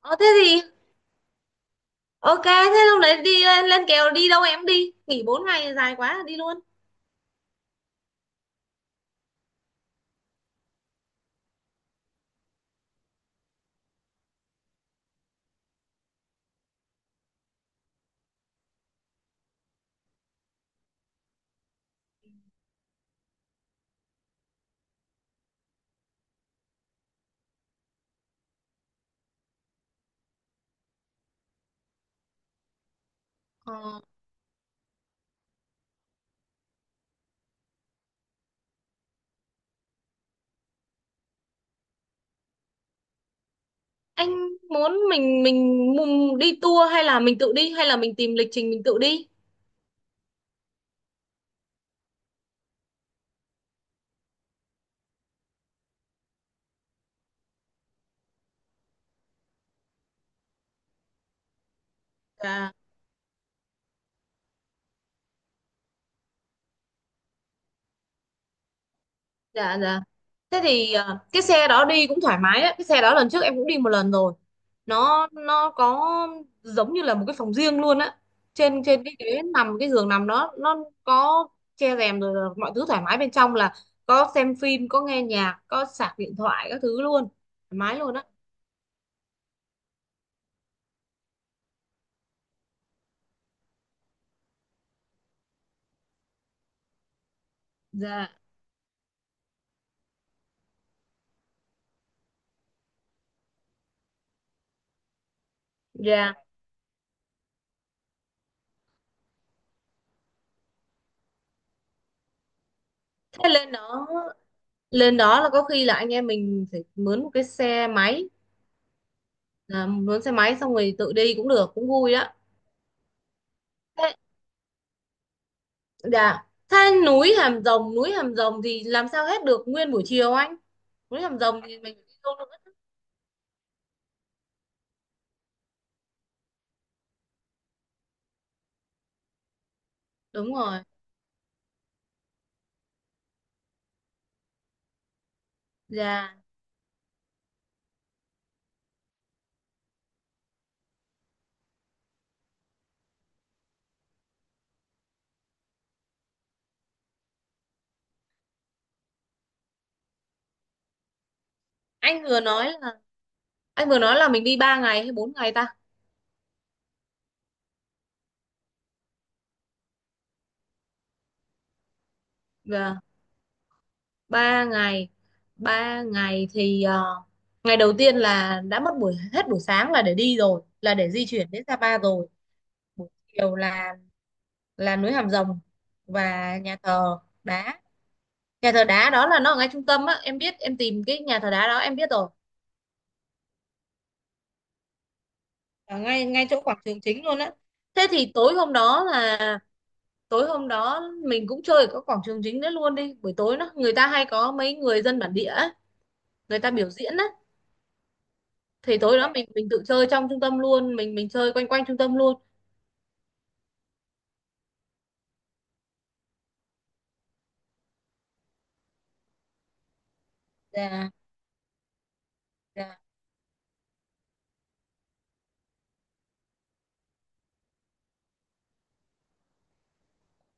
Ờ thế thì ok, thế lúc đấy đi lên kèo đi đâu em, đi nghỉ 4 ngày dài quá đi luôn. Ờ, anh muốn mình mùng đi tour, hay là mình tự đi, hay là mình tìm lịch trình mình tự đi. Dạ, dạ, dạ. Thế thì cái xe đó đi cũng thoải mái đấy, cái xe đó lần trước em cũng đi một lần rồi. Nó có giống như là một cái phòng riêng luôn á. Trên trên cái ghế nằm, cái giường nằm đó nó có che rèm rồi, là mọi thứ thoải mái bên trong, là có xem phim, có nghe nhạc, có sạc điện thoại các thứ luôn, thoải mái luôn á. Dạ, dạ. Thế lên đó, là có khi là anh em mình phải mướn một cái xe máy, à, mướn xe máy xong rồi tự đi cũng được, cũng vui đó. Thế, dạ thế núi Hàm Rồng, núi Hàm Rồng thì làm sao hết được nguyên buổi chiều anh? Núi Hàm Rồng thì mình đi đâu? Đúng rồi. Dạ. Anh vừa nói là, mình đi 3 ngày hay 4 ngày ta? Dạ. 3 ngày. 3 ngày thì ngày đầu tiên là đã mất buổi, hết buổi sáng là để đi rồi, là để di chuyển đến Sapa rồi. Buổi chiều là núi Hàm Rồng và nhà thờ đá. Nhà thờ đá đó là nó ở ngay trung tâm á, em biết, em tìm cái nhà thờ đá đó em biết rồi. Ở ngay ngay chỗ quảng trường chính luôn á. Thế thì tối hôm đó là, tối hôm đó mình cũng chơi ở các quảng trường chính đấy luôn đi, buổi tối nó người ta hay có mấy người dân bản địa ấy, người ta biểu diễn á, thì tối đó mình tự chơi trong trung tâm luôn, mình chơi quanh quanh trung tâm luôn. Dạ, dạ,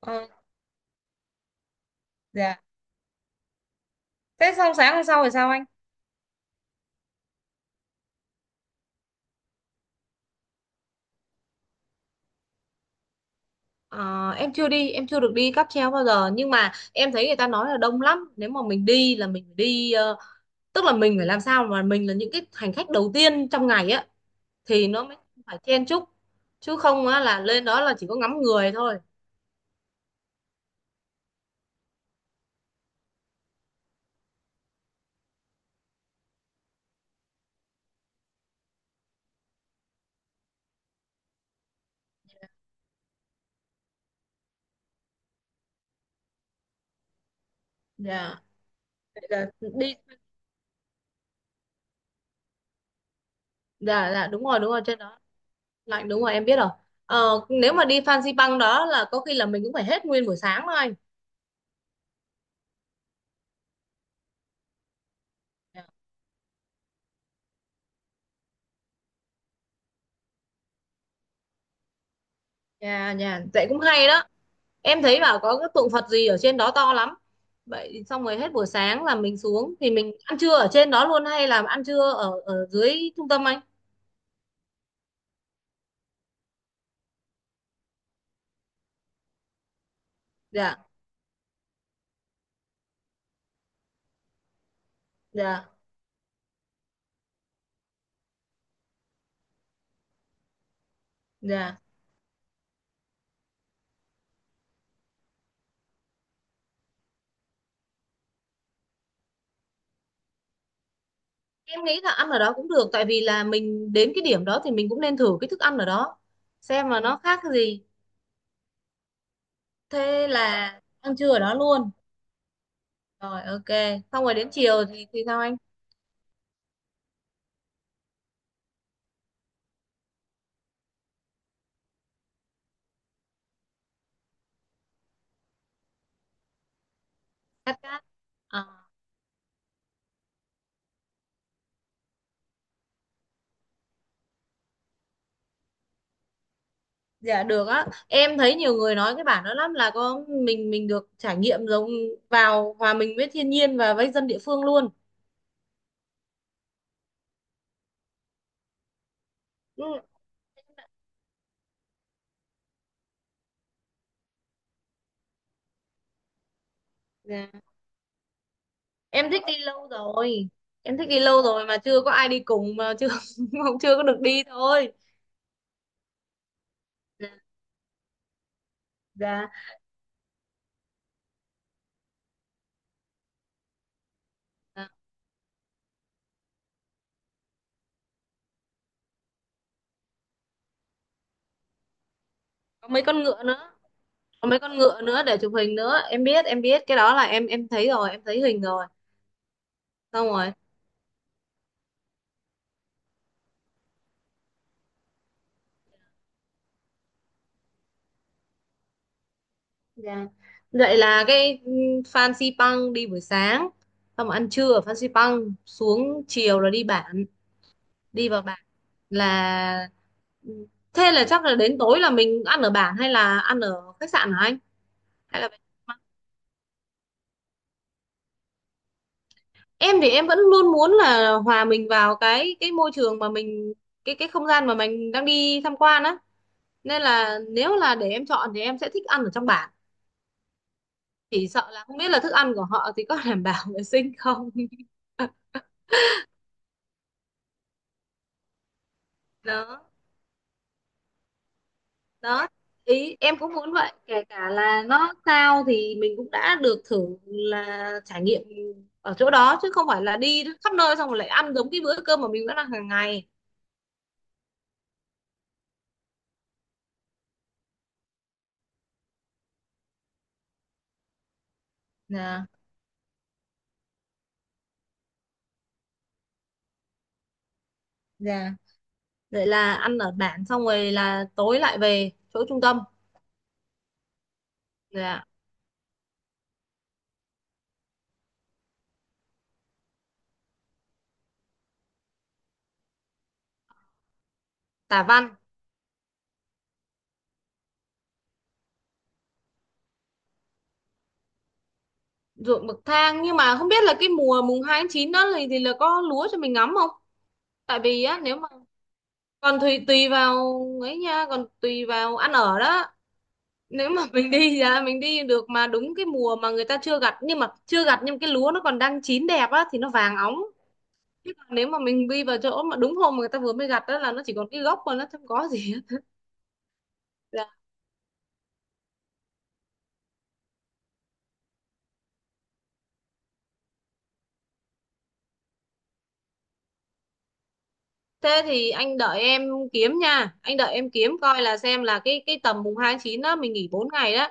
ờ, dạ thế xong sáng hôm sau thì sao anh? Ờ, em chưa đi, em chưa được đi cáp treo bao giờ, nhưng mà em thấy người ta nói là đông lắm, nếu mà mình đi là mình phải đi tức là mình phải làm sao mà mình là những cái hành khách đầu tiên trong ngày á, thì nó mới phải chen chúc, chứ không á là lên đó là chỉ có ngắm người thôi. Dạ là đi. Dạ, dạ, đúng rồi, đúng rồi, trên đó lạnh, đúng rồi em biết rồi. Nếu mà đi Phan Xipang đó là có khi là mình cũng phải hết nguyên buổi sáng thôi. Nhà nhà vậy cũng hay đó. Em thấy bảo có cái tượng Phật gì ở trên đó to lắm. Vậy xong rồi hết buổi sáng là mình xuống, thì mình ăn trưa ở trên đó luôn hay là ăn trưa ở ở dưới trung tâm anh? Dạ, dạ, dạ. Em nghĩ là ăn ở đó cũng được, tại vì là mình đến cái điểm đó thì mình cũng nên thử cái thức ăn ở đó, xem mà nó khác cái gì. Thế là ăn trưa ở đó luôn. Rồi, ok. Xong rồi đến chiều thì sao anh? Cắt cát. À, dạ được á. Em thấy nhiều người nói cái bản đó lắm, là có mình được trải nghiệm giống vào hòa mình với thiên nhiên và với dân địa phương luôn. Ừ. Dạ. Em thích đi lâu rồi. Em thích đi lâu rồi mà chưa có ai đi cùng, mà chưa không, chưa có được đi thôi. Dạ. Dạ. À, có mấy con ngựa nữa. Có mấy con ngựa nữa để chụp hình nữa. Em biết cái đó là em thấy rồi, em thấy hình rồi. Xong rồi. Dạ. Vậy là cái Phan Xipang đi buổi sáng, xong ăn trưa ở Phan Xipang xuống, chiều là đi bản, đi vào bản là ừ, thế là chắc là đến tối là mình ăn ở bản hay là ăn ở khách sạn hả anh? Hay là, em thì em vẫn luôn muốn là hòa mình vào cái môi trường mà mình, cái không gian mà mình đang đi tham quan á, nên là nếu là để em chọn thì em sẽ thích ăn ở trong bản. Chỉ sợ là không biết là thức ăn của họ thì có đảm bảo vệ sinh không. Đó, đó, ý em cũng muốn vậy, kể cả là nó sao thì mình cũng đã được thử là trải nghiệm ở chỗ đó, chứ không phải là đi khắp nơi xong rồi lại ăn giống cái bữa cơm mà mình vẫn ăn hàng ngày. Dạ, dạ. Vậy là ăn ở bản xong rồi là tối lại về chỗ trung tâm. Dạ. Tả Văn, ruộng bậc thang, nhưng mà không biết là cái mùa 2/9 đó thì là có lúa cho mình ngắm không. Tại vì á, nếu mà, còn tùy tùy vào, ấy nha, còn tùy vào ăn ở đó. Nếu mà mình đi ra mình đi được mà đúng cái mùa mà người ta chưa gặt, nhưng mà chưa gặt nhưng cái lúa nó còn đang chín đẹp á thì nó vàng óng. Chứ còn nếu mà mình đi vào chỗ mà đúng hôm mà người ta vừa mới gặt đó, là nó chỉ còn cái gốc mà nó không có gì hết. Dạ. Thế thì anh đợi em kiếm nha, anh đợi em kiếm coi là xem là cái tầm 2/9 đó mình nghỉ 4 ngày đó,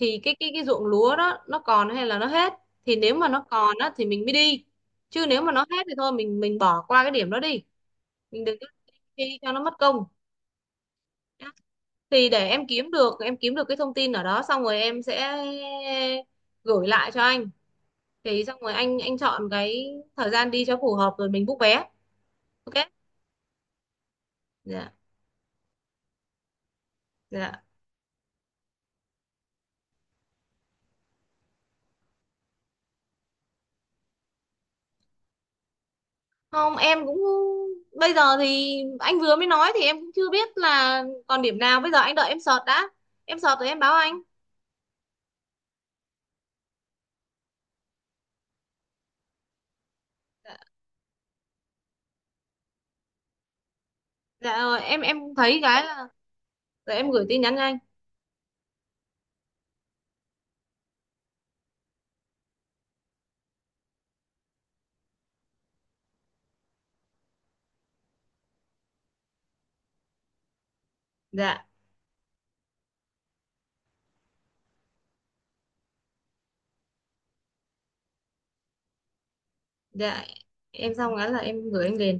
thì cái ruộng lúa đó nó còn hay là nó hết, thì nếu mà nó còn á thì mình mới đi, chứ nếu mà nó hết thì thôi mình bỏ qua cái điểm đó đi, mình đừng có đi cho nó mất công. Thì để em kiếm được, cái thông tin ở đó xong rồi em sẽ gửi lại cho anh, thì xong rồi anh chọn cái thời gian đi cho phù hợp rồi mình book vé. Ok. Dạ. Dạ, không em cũng, bây giờ thì anh vừa mới nói thì em cũng chưa biết là còn điểm nào, bây giờ anh đợi em search đã, em search rồi em báo anh. Dạ, dạ rồi em thấy cái là rồi em gửi tin nhắn cho anh. Dạ, dạ. Em xong cái là em gửi anh liền.